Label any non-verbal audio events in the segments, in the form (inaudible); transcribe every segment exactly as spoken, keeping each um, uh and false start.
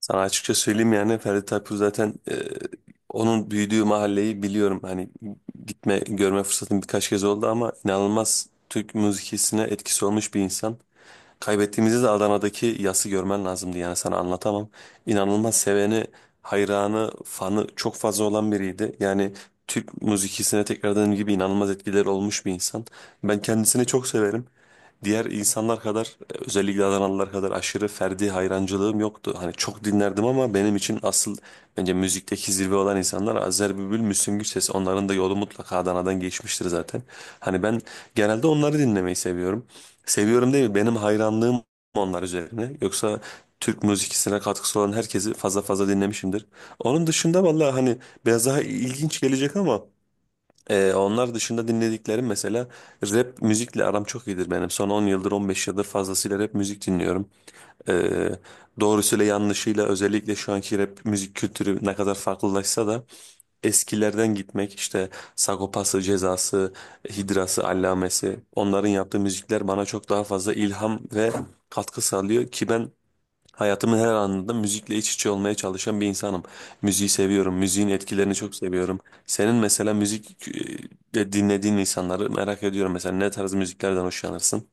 Sana açıkça söyleyeyim yani Ferdi Tayfur zaten e, onun büyüdüğü mahalleyi biliyorum. Hani gitme görme fırsatım birkaç kez oldu ama inanılmaz Türk müzikisine etkisi olmuş bir insan. Kaybettiğimizde de Adana'daki yası görmen lazımdı yani sana anlatamam. İnanılmaz seveni, hayranı, fanı çok fazla olan biriydi. Yani Türk müzikisine tekrardan gibi inanılmaz etkileri olmuş bir insan. Ben kendisini çok severim diğer insanlar kadar özellikle Adanalılar kadar aşırı Ferdi hayrancılığım yoktu. Hani çok dinlerdim ama benim için asıl bence müzikteki zirve olan insanlar Azer Bülbül, Müslüm Gürses. Onların da yolu mutlaka Adana'dan geçmiştir zaten. Hani ben genelde onları dinlemeyi seviyorum. Seviyorum değil benim hayranlığım onlar üzerine. Yoksa Türk müzikisine katkısı olan herkesi fazla fazla dinlemişimdir. Onun dışında vallahi hani biraz daha ilginç gelecek ama ee, onlar dışında dinlediklerim mesela rap müzikle aram çok iyidir benim. Son on yıldır on beş yıldır fazlasıyla rap müzik dinliyorum. Ee, doğrusuyla yanlışıyla özellikle şu anki rap müzik kültürü ne kadar farklılaşsa da eskilerden gitmek işte Sagopası, Cezası, Hidrası, Allamesi onların yaptığı müzikler bana çok daha fazla ilham ve katkı sağlıyor ki ben hayatımın her anında müzikle iç içe olmaya çalışan bir insanım. Müziği seviyorum, müziğin etkilerini çok seviyorum. Senin mesela müzik e, dinlediğin insanları merak ediyorum. Mesela ne tarz müziklerden hoşlanırsın?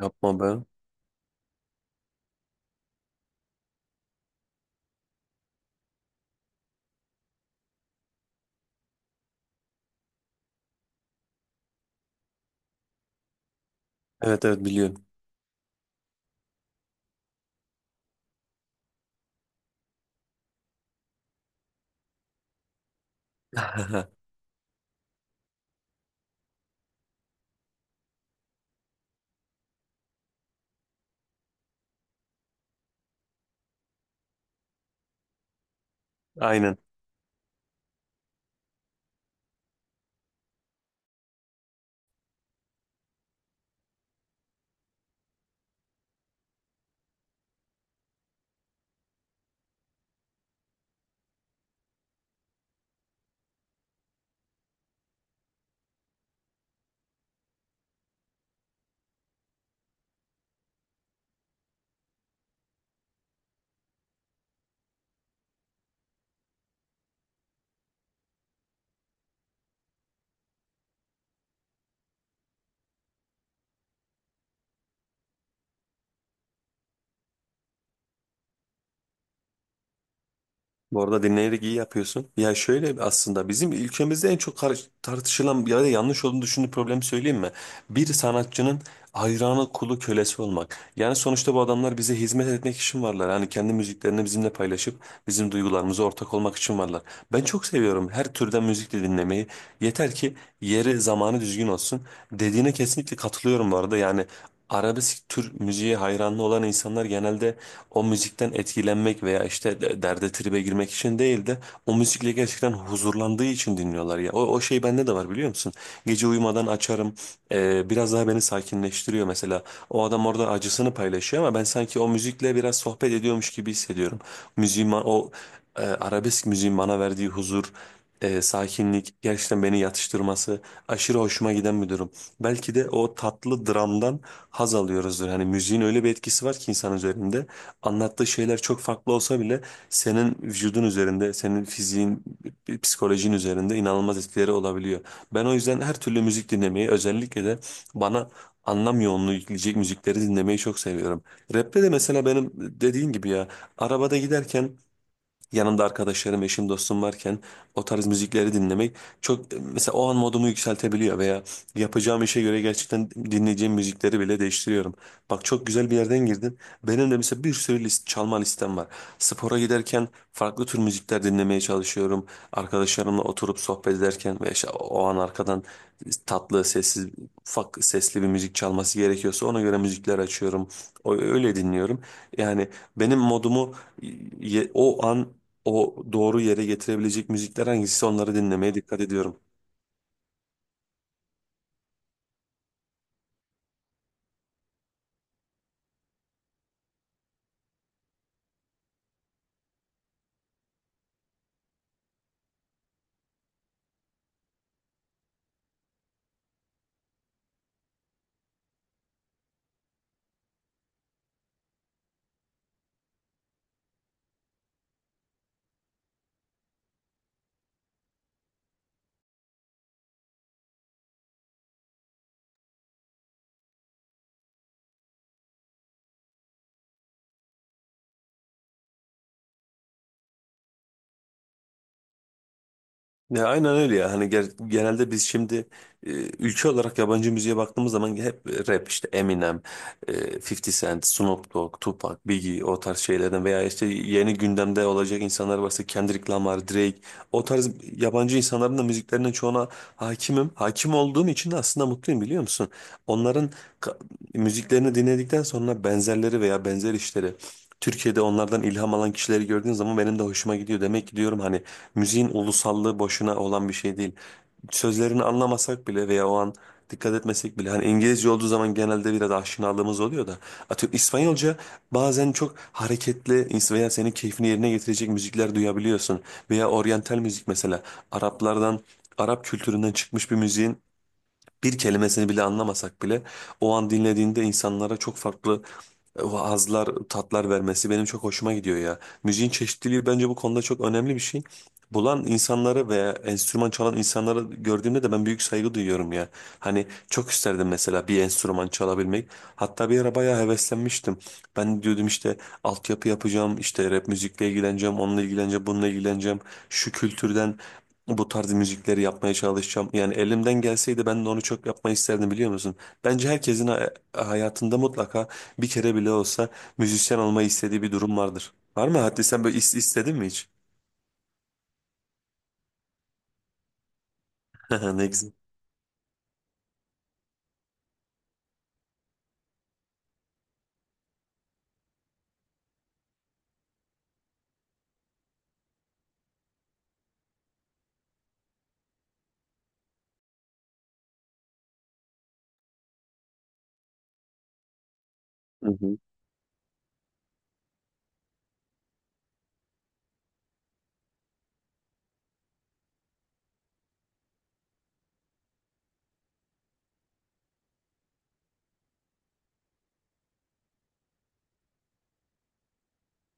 Yapma be. Evet evet biliyorum. (laughs) Aynen. Bu arada dinleyerek iyi yapıyorsun. Ya şöyle aslında bizim ülkemizde en çok karış- tartışılan ya da yanlış olduğunu düşündüğüm problemi söyleyeyim mi? Bir sanatçının hayranı, kulu, kölesi olmak. Yani sonuçta bu adamlar bize hizmet etmek için varlar. Hani kendi müziklerini bizimle paylaşıp bizim duygularımıza ortak olmak için varlar. Ben çok seviyorum her türden müzik de dinlemeyi. Yeter ki yeri, zamanı düzgün olsun. Dediğine kesinlikle katılıyorum bu arada. Yani arabesk tür müziğe hayranlı olan insanlar genelde o müzikten etkilenmek veya işte de- derde tribe girmek için değil de o müzikle gerçekten huzurlandığı için dinliyorlar ya. O, o şey bende de var biliyor musun? Gece uyumadan açarım. Ee, biraz daha beni sakinleştiriyor mesela. O adam orada acısını paylaşıyor ama ben sanki o müzikle biraz sohbet ediyormuş gibi hissediyorum. Müziğin ba- o e, arabesk müziğin bana verdiği huzur, e, sakinlik, gerçekten beni yatıştırması aşırı hoşuma giden bir durum. Belki de o tatlı dramdan haz alıyoruzdur. Hani müziğin öyle bir etkisi var ki insan üzerinde anlattığı şeyler çok farklı olsa bile senin vücudun üzerinde, senin fiziğin, psikolojin üzerinde inanılmaz etkileri olabiliyor. Ben o yüzden her türlü müzik dinlemeyi, özellikle de bana anlam yoğunluğu yükleyecek müzikleri dinlemeyi çok seviyorum. Rap'te de mesela benim dediğin gibi ya, arabada giderken yanımda arkadaşlarım, eşim, dostum varken o tarz müzikleri dinlemek çok mesela o an modumu yükseltebiliyor veya yapacağım işe göre gerçekten dinleyeceğim müzikleri bile değiştiriyorum. Bak çok güzel bir yerden girdin. Benim de mesela bir sürü list, çalma listem var. Spora giderken farklı tür müzikler dinlemeye çalışıyorum. Arkadaşlarımla oturup sohbet ederken ve işte o an arkadan tatlı, sessiz, ufak sesli bir müzik çalması gerekiyorsa ona göre müzikler açıyorum. O- Öyle dinliyorum. Yani benim modumu ye- o an o doğru yere getirebilecek müzikler hangisi onları dinlemeye dikkat ediyorum. Ya aynen öyle ya. Hani ger- genelde biz şimdi e, ülke olarak yabancı müziğe baktığımız zaman hep rap işte Eminem, e, elli Cent, Snoop Dogg, Tupac, Biggie o tarz şeylerden veya işte yeni gündemde olacak insanlar varsa Kendrick Lamar, Drake o tarz yabancı insanların da müziklerinin çoğuna hakimim. Hakim olduğum için de aslında mutluyum biliyor musun? Onların ka- müziklerini dinledikten sonra benzerleri veya benzer işleri Türkiye'de onlardan ilham alan kişileri gördüğün zaman benim de hoşuma gidiyor. Demek ki diyorum hani müziğin ulusallığı boşuna olan bir şey değil. Sözlerini anlamasak bile veya o an dikkat etmesek bile hani İngilizce olduğu zaman genelde biraz aşinalığımız oluyor da atıyorum İspanyolca bazen çok hareketli ins- veya senin keyfini yerine getirecek müzikler duyabiliyorsun veya oryantal müzik mesela Araplardan Arap kültüründen çıkmış bir müziğin bir kelimesini bile anlamasak bile o an dinlediğinde insanlara çok farklı hazlar, tatlar vermesi benim çok hoşuma gidiyor ya. Müziğin çeşitliliği bence bu konuda çok önemli bir şey. Bulan insanları veya enstrüman çalan insanları gördüğümde de ben büyük saygı duyuyorum ya. Hani çok isterdim mesela bir enstrüman çalabilmek. Hatta bir ara bayağı heveslenmiştim. Ben diyordum işte altyapı yapacağım, işte rap müzikle ilgileneceğim, onunla ilgileneceğim, bununla ilgileneceğim. Şu kültürden bu tarz müzikleri yapmaya çalışacağım. Yani elimden gelseydi ben de onu çok yapmayı isterdim biliyor musun? Bence herkesin ha- hayatında mutlaka bir kere bile olsa müzisyen olmayı istediği bir durum vardır. Var mı? Hatta sen böyle is- istedin mi hiç? (laughs) Ne güzel. Hı hı.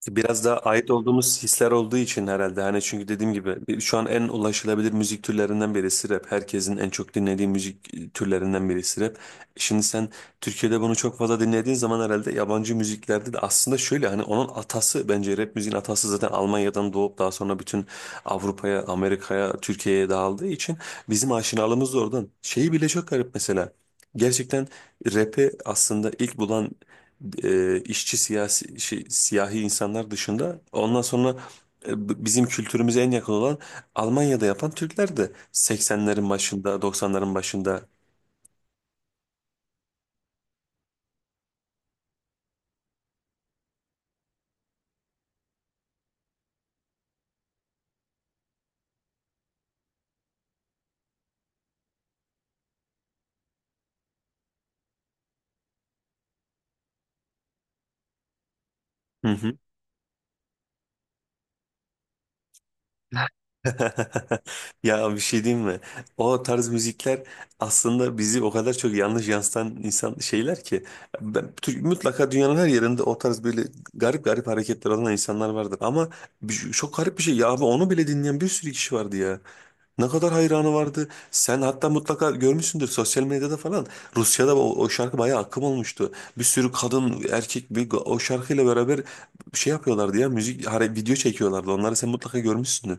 Biraz da ait olduğumuz hisler olduğu için herhalde hani çünkü dediğim gibi bir- şu an en ulaşılabilir müzik türlerinden birisi rap. Herkesin en çok dinlediği müzik e, türlerinden birisi rap. Şimdi sen Türkiye'de bunu çok fazla dinlediğin zaman herhalde yabancı müziklerde de aslında şöyle hani onun atası bence rap müziğin atası zaten Almanya'dan doğup daha sonra bütün Avrupa'ya, Amerika'ya, Türkiye'ye dağıldığı için bizim aşinalığımız da oradan. Şeyi bile çok garip mesela. Gerçekten rap'i aslında ilk bulan e, işçi siyasi şey, siyahi insanlar dışında ondan sonra e, b- bizim kültürümüze en yakın olan Almanya'da yapan Türkler de seksenlerin başında doksanların başında. Hı hı. (laughs) Ya bir şey diyeyim mi? O tarz müzikler aslında bizi o kadar çok yanlış yansıtan insan şeyler ki ben, tü- mutlaka dünyanın her yerinde o tarz böyle garip garip hareketler olan insanlar vardır ama bir- çok garip bir şey ya abi onu bile dinleyen bir sürü kişi vardı ya. Ne kadar hayranı vardı. Sen hatta mutlaka görmüşsündür sosyal medyada falan. Rusya'da o, o şarkı bayağı akım olmuştu. Bir sürü kadın, erkek bir, o şarkıyla beraber şey yapıyorlardı ya müzik hare- video çekiyorlardı. Onları sen mutlaka görmüşsündür.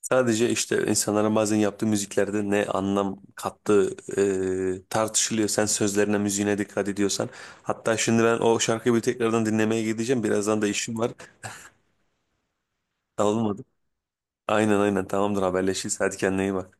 Sadece işte insanların bazen yaptığı müziklerde ne anlam kattığı e, tartışılıyor. Sen sözlerine, müziğine dikkat ediyorsan. Hatta şimdi ben o şarkıyı bir tekrardan dinlemeye gideceğim. Birazdan da işim var. Tamam mı? Aynen aynen tamamdır haberleşiriz. Hadi kendine iyi bak.